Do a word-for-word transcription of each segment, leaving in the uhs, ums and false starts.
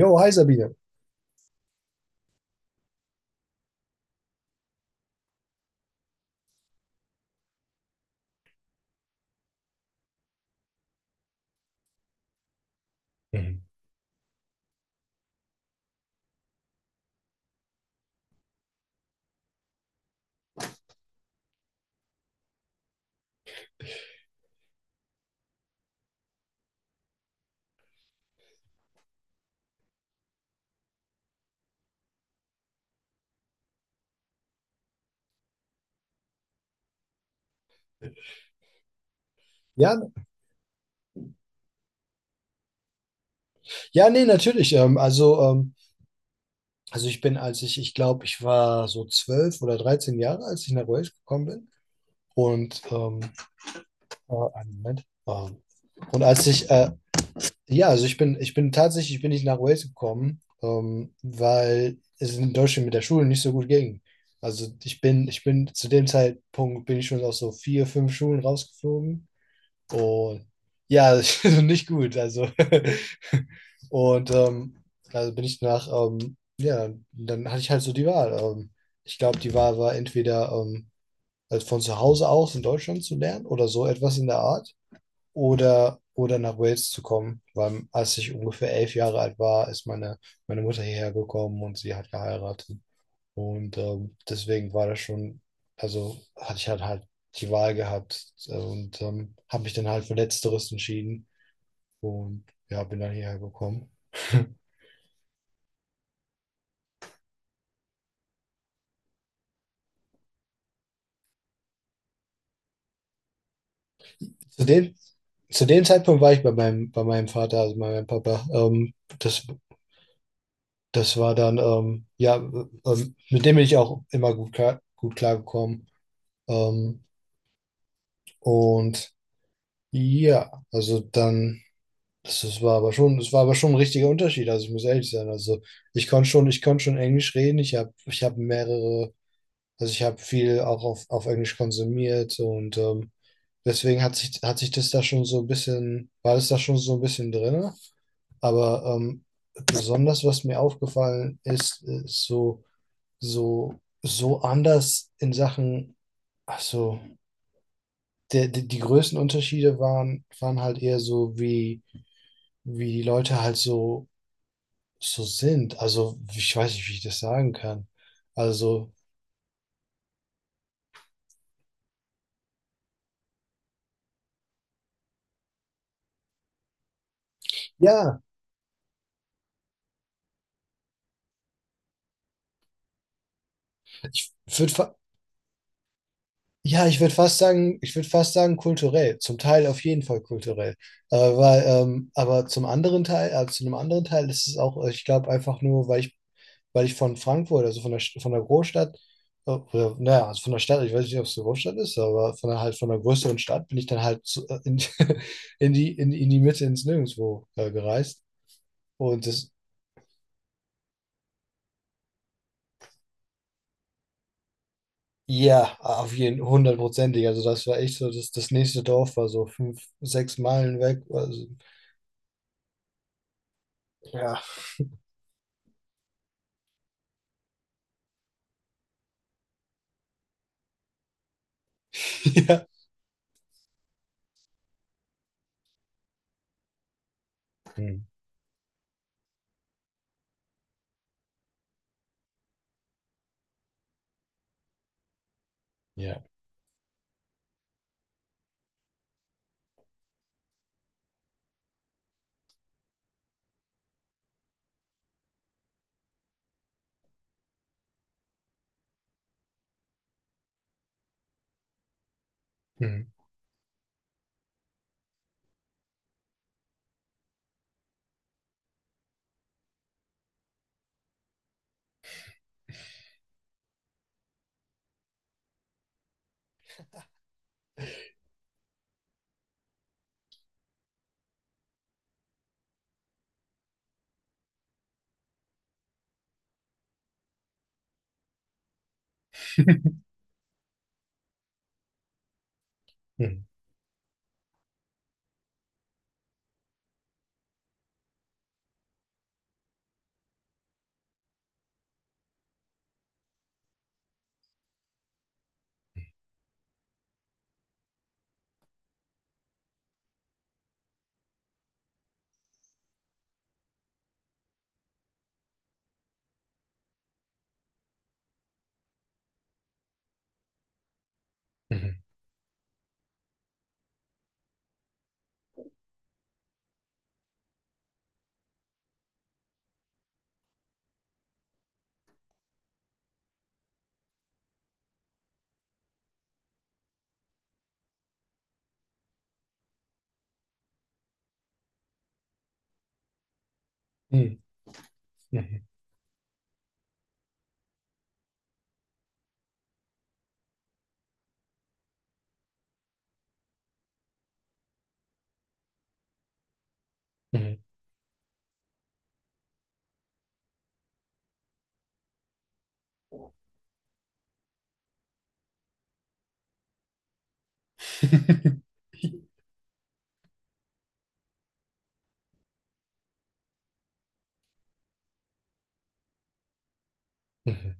Jo, hi Sabine. Mhm. Ja, ja, nee, natürlich. Ähm, also, ähm, also ich bin, als ich, ich glaube, ich war so zwölf oder dreizehn Jahre, als ich nach Wales gekommen bin. Und ähm, äh, Einen Moment. Ähm, und als ich, äh, ja, also ich bin, ich bin tatsächlich, ich bin nicht nach Wales gekommen, ähm, weil es in Deutschland mit der Schule nicht so gut ging. Also ich bin, ich bin zu dem Zeitpunkt bin ich schon aus so vier, fünf Schulen rausgeflogen. Und ja, also nicht gut. Also, und ähm, also bin ich nach, ähm, ja, dann hatte ich halt so die Wahl. Ähm, ich glaube, die Wahl war entweder, ähm, also von zu Hause aus in Deutschland zu lernen oder so etwas in der Art oder, oder nach Wales zu kommen, weil als ich ungefähr elf Jahre alt war, ist meine, meine Mutter hierher gekommen und sie hat geheiratet. Und ähm, deswegen war das schon, also hatte ich halt halt die Wahl gehabt, äh, und ähm, habe mich dann halt für Letzteres entschieden und ja, bin dann hierher gekommen. Zu dem, zu dem Zeitpunkt war ich bei meinem, bei meinem Vater, also bei meinem Papa. Ähm, das, Das war dann, ähm, ja, ähm, mit dem bin ich auch immer gut klar, gut klargekommen. Ähm, und ja, also dann. Das, das war aber schon, das war aber schon ein richtiger Unterschied. Also ich muss ehrlich sein. Also ich konnte schon, ich konnte schon Englisch reden. Ich habe, ich habe mehrere, also ich habe viel auch auf, auf Englisch konsumiert und ähm, deswegen hat sich, hat sich das da schon so ein bisschen, war das da schon so ein bisschen drin. Aber ähm, besonders, was mir aufgefallen ist, ist so, so, so anders in Sachen, also der, die, die größten Unterschiede waren, waren halt eher so, wie, wie die Leute halt so so sind. Also, ich weiß nicht, wie ich das sagen kann. Also, ja, ich würd fa ja, ich würde fast sagen, ich würde fast sagen kulturell. Zum Teil auf jeden Fall kulturell. Aber, weil, ähm, aber zum anderen Teil, äh, zu einem anderen Teil ist es auch, äh, ich glaube, einfach nur, weil ich, weil ich von Frankfurt, also von der, St- von der Großstadt, äh, oder, naja, also von der Stadt, ich weiß nicht, ob es eine Großstadt ist, aber von der, halt von der größeren Stadt bin ich dann halt zu, äh, in, in die, in, in die Mitte ins Nirgendwo äh, gereist. Und das, Ja, auf jeden hundertprozentig. Also das war echt so, das, das nächste Dorf war so fünf, sechs Meilen weg. Also, ja, ja. Hm. Ja. Mhm. Mhm. Mhm. Mhm. Mhm. Mhm. Mhm.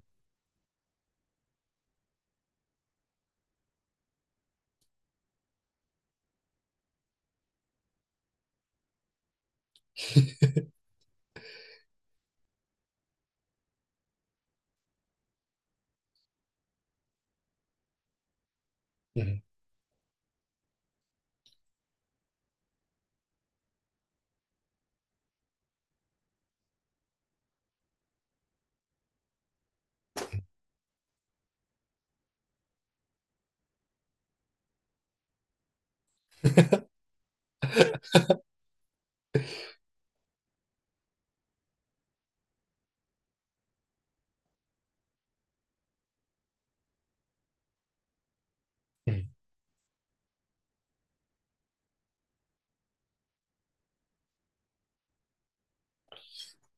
Mhm. Mhm.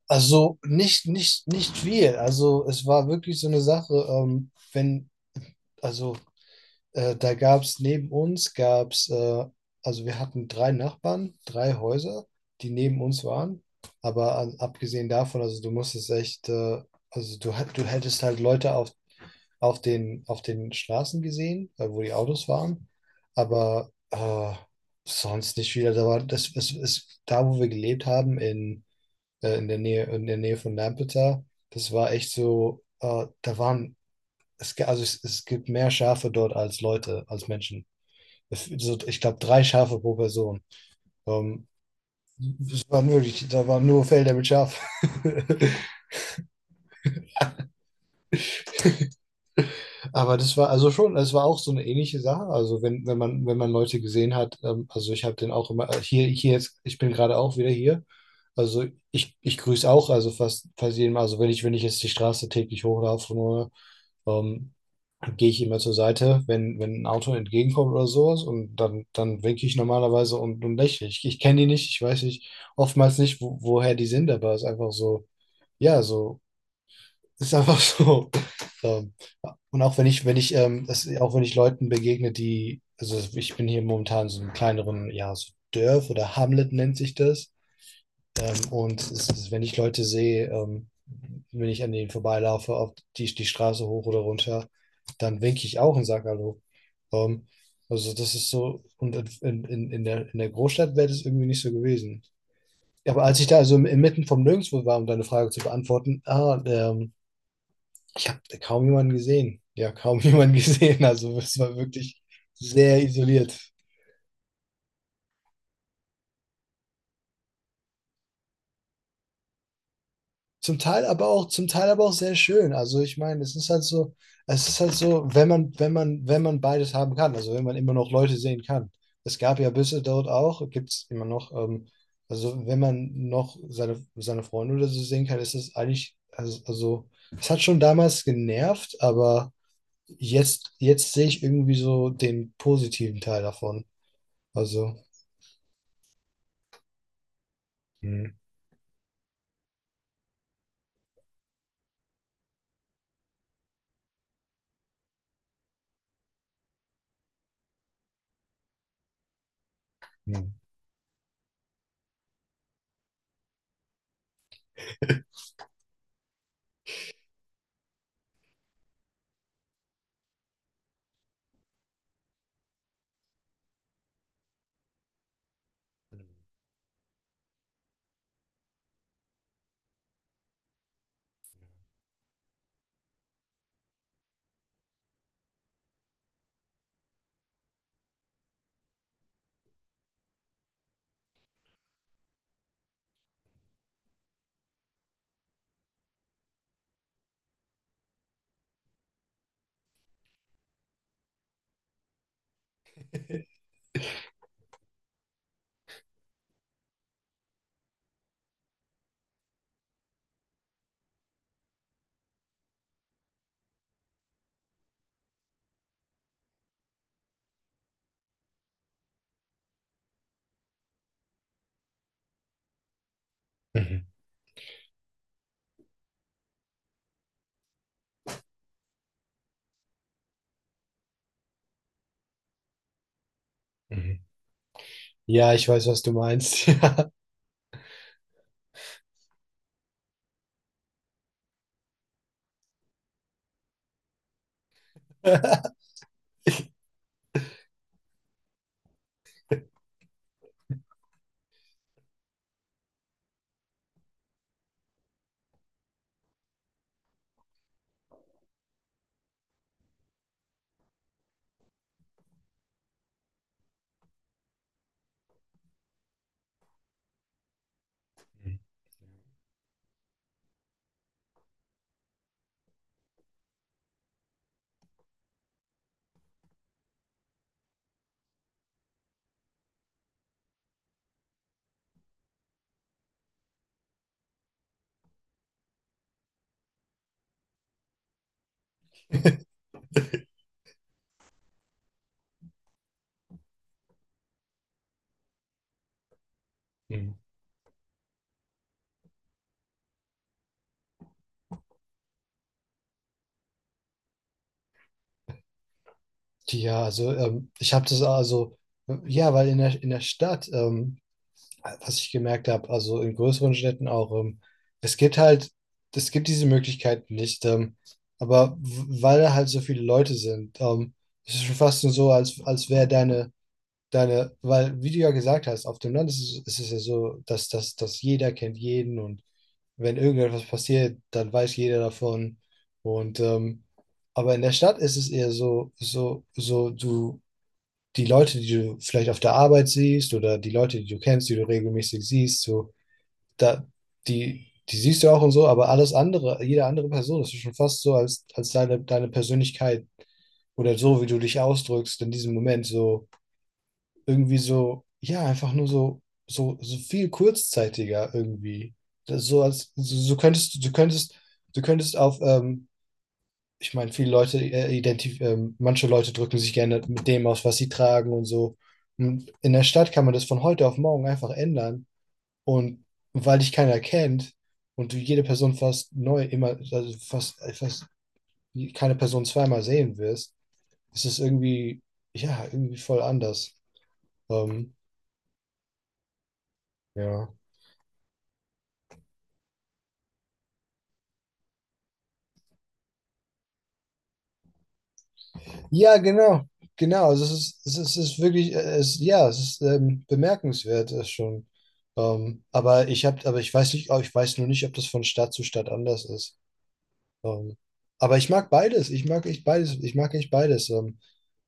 Also nicht, nicht, nicht viel. Also es war wirklich so eine Sache, ähm, wenn, also Äh, da gab es neben uns, gab es, äh, also wir hatten drei Nachbarn, drei Häuser, die neben uns waren. Aber an, abgesehen davon, also du musstest echt, äh, also du, hat- du hättest halt Leute auf, auf den, auf den Straßen gesehen, äh, wo die Autos waren. Aber äh, sonst nicht viel. Da war, das ist, Ist da, wo wir gelebt haben, in, äh, in der Nähe, in der Nähe von Lampeter, das war echt so, äh, da waren, es, ge- also es, es gibt mehr Schafe dort als Leute, als Menschen es- so, ich glaube, drei Schafe pro Person. Ähm, es waren wirklich, Da waren nur Felder mit Schafen. Aber das war also schon, das war auch so eine ähnliche Sache. Also wenn, wenn man, wenn man Leute gesehen hat, ähm, also ich habe den auch immer, äh, hier, hier jetzt, ich bin gerade auch wieder hier. Also ich, ich grüße auch, also fast, fast jedem, also wenn ich, wenn ich jetzt die Straße täglich hochlaufe, nur, ähm, gehe ich immer zur Seite, wenn, wenn ein Auto entgegenkommt oder sowas und dann, dann winke ich normalerweise und, und lächle. Ich, ich kenne die nicht, ich weiß nicht, oftmals nicht, wo, woher die sind, aber es ist einfach so, ja, so, ist einfach so. Ähm, und auch wenn ich, wenn ich, ähm, das, auch wenn ich Leuten begegne, die, also ich bin hier momentan in so einem kleineren, ja, so Dörf oder Hamlet nennt sich das. Ähm, und es ist, wenn ich Leute sehe, ähm, wenn ich an denen vorbeilaufe, auf die, die Straße hoch oder runter, dann winke ich auch und sage Hallo. Ähm, also das ist so, und in, in, in der, in der Großstadt wäre das irgendwie nicht so gewesen. Ja, aber als ich da also im- inmitten vom Nirgendwo war, um deine Frage zu beantworten, ah, ähm, ich habe kaum jemanden gesehen. Ja, kaum jemanden gesehen. Also es war wirklich sehr isoliert. Zum Teil aber auch, zum Teil aber auch sehr schön. Also ich meine, es ist halt so, es ist halt so, wenn man, wenn man, wenn man beides haben kann, also wenn man immer noch Leute sehen kann. Es gab ja Büsse dort auch, gibt es immer noch, ähm, also wenn man noch seine, seine Freunde oder so sehen kann, ist es eigentlich, also, also es hat schon damals genervt, aber jetzt, jetzt sehe ich irgendwie so den positiven Teil davon. Also. Mhm. Mhm. Mhm. Mhm. Ja, ich weiß, was du meinst. Ja. Mhm. Ja, also ähm, ich habe das also, äh, ja, weil in der, in der Stadt, ähm, was ich gemerkt habe, also in größeren Städten auch, ähm, es gibt halt, es gibt diese Möglichkeit nicht, ähm, aber w- weil da halt so viele Leute sind, ähm, es ist schon fast nur so, als, als wäre deine, deine, weil, wie du ja gesagt hast, auf dem Land ist es, ist es ja so, dass, dass, dass jeder kennt jeden und wenn irgendetwas passiert, dann weiß jeder davon. Und ähm, aber in der Stadt ist es eher so, so, so, du, die Leute, die du vielleicht auf der Arbeit siehst oder die Leute, die du kennst, die du regelmäßig siehst, so, da, die, die siehst du auch und so, aber alles andere, jede andere Person, das ist schon fast so, als, als deine, deine Persönlichkeit oder so, wie du dich ausdrückst in diesem Moment, so irgendwie so, ja, einfach nur so, so, so viel kurzzeitiger irgendwie. Das, so als, so, so könntest du, könntest, du könntest auf, ähm, ich meine, viele Leute, äh, identif ähm, manche Leute drücken sich gerne mit dem aus, was sie tragen und so. Und in der Stadt kann man das von heute auf morgen einfach ändern. Und weil dich keiner kennt und du jede Person fast neu, immer, also fast, fast keine Person zweimal sehen wirst, ist es irgendwie, ja, irgendwie voll anders. Ähm, ja. Ja, genau, genau. Also es ist, es ist, es ist wirklich, äh, es, ja, es ist ähm, bemerkenswert äh, schon. Ähm, aber ich habe, aber ich weiß nicht, oh, ich weiß nur nicht, ob das von Stadt zu Stadt anders ist. Ähm, aber ich mag beides. Ich mag echt beides. Ich mag echt beides. Ähm,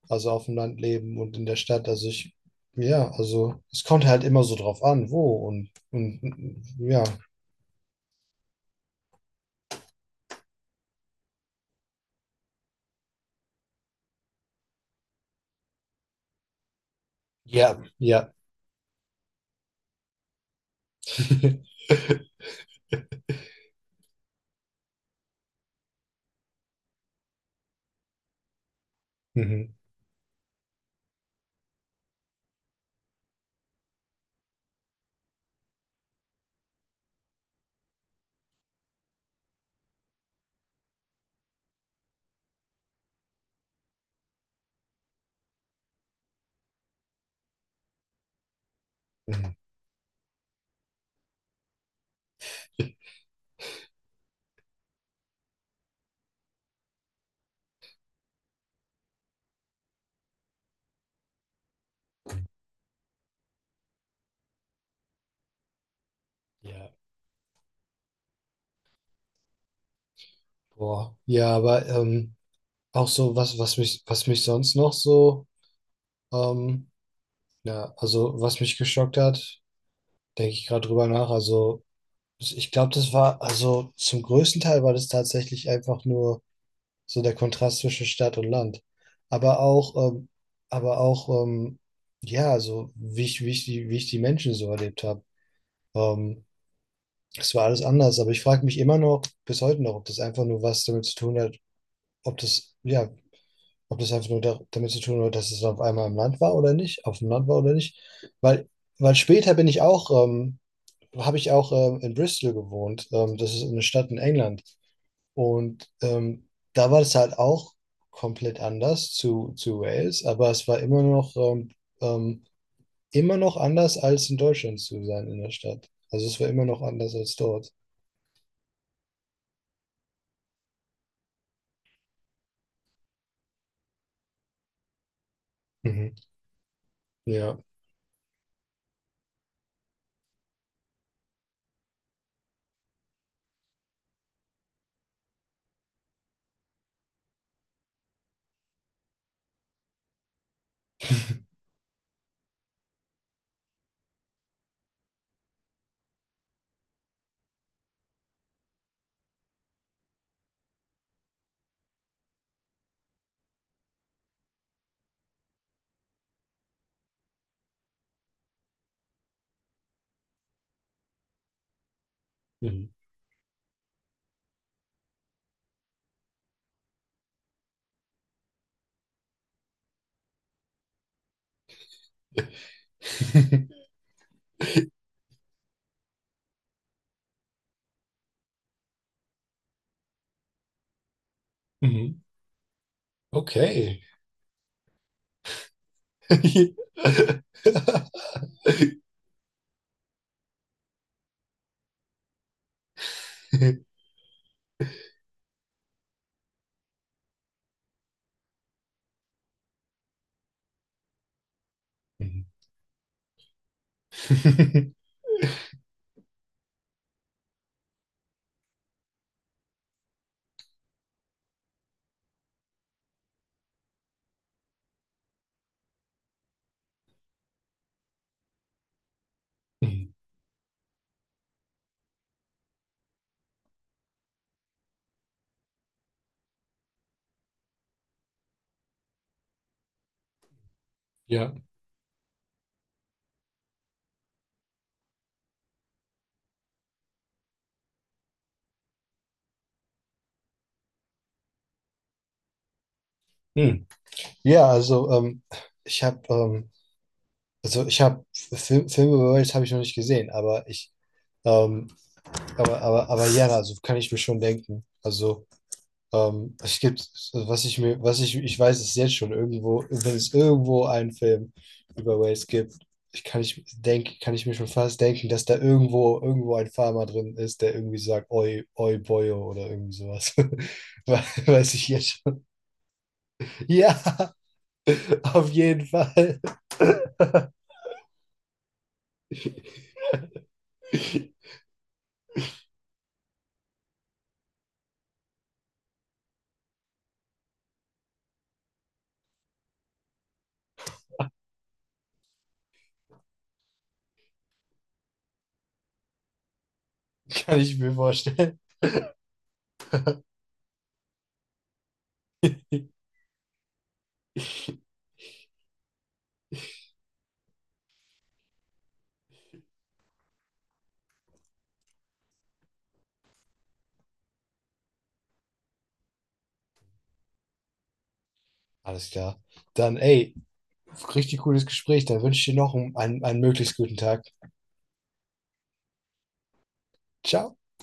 Also auf dem Land leben und in der Stadt. Also ich, ja, also es kommt halt immer so drauf an, wo und, und und- ja, ja, ja. Mhm, mhm. Ja, boah. Ja, aber ähm, auch so, was, was mich, was mich sonst noch so, ähm, ja, also was mich geschockt hat, denke ich gerade drüber nach. Also ich glaube, das war, also zum größten Teil war das tatsächlich einfach nur so der Kontrast zwischen Stadt und Land. Aber auch, ähm, aber auch, ähm, ja, also wie ich, wie ich die, wie ich die Menschen so erlebt habe. Ähm, Es war alles anders. Aber ich frage mich immer noch, bis heute noch, ob das einfach nur was damit zu tun hat, ob das, ja, ob das einfach nur da, damit zu tun hat, dass es auf einmal im Land war oder nicht, auf dem Land war oder nicht. Weil, Weil später bin ich auch, ähm, habe ich auch ähm, in Bristol gewohnt. Ähm, das ist eine Stadt in England. Und ähm, da war es halt auch komplett anders zu, zu Wales, aber es war immer noch, ähm, ähm, immer noch anders als in Deutschland zu sein in der Stadt. Also es war immer noch anders als dort. Mhm. Ja. Mhm. Mhm. Okay. Mhm. Mhm. Ja. Hm. Ja, also ähm, ich habe ähm, also ich habe Film, Filme über Wales habe ich noch nicht gesehen, aber ich ähm, aber aber aber ja, also kann ich mir schon denken. Also ähm, es gibt was ich mir was ich ich weiß es jetzt schon irgendwo, wenn es irgendwo einen Film über Wales gibt, ich kann ich denke kann ich mir schon fast denken, dass da irgendwo irgendwo ein Farmer drin ist, der irgendwie sagt Oi Oi Boyo oder irgendwie sowas. We- Weiß ich jetzt schon. Ja, auf jeden Fall. Kann ich mir vorstellen. Alles klar. Dann, ey, richtig cooles Gespräch. Dann wünsche ich dir noch einen, einen möglichst guten Tag. Ciao.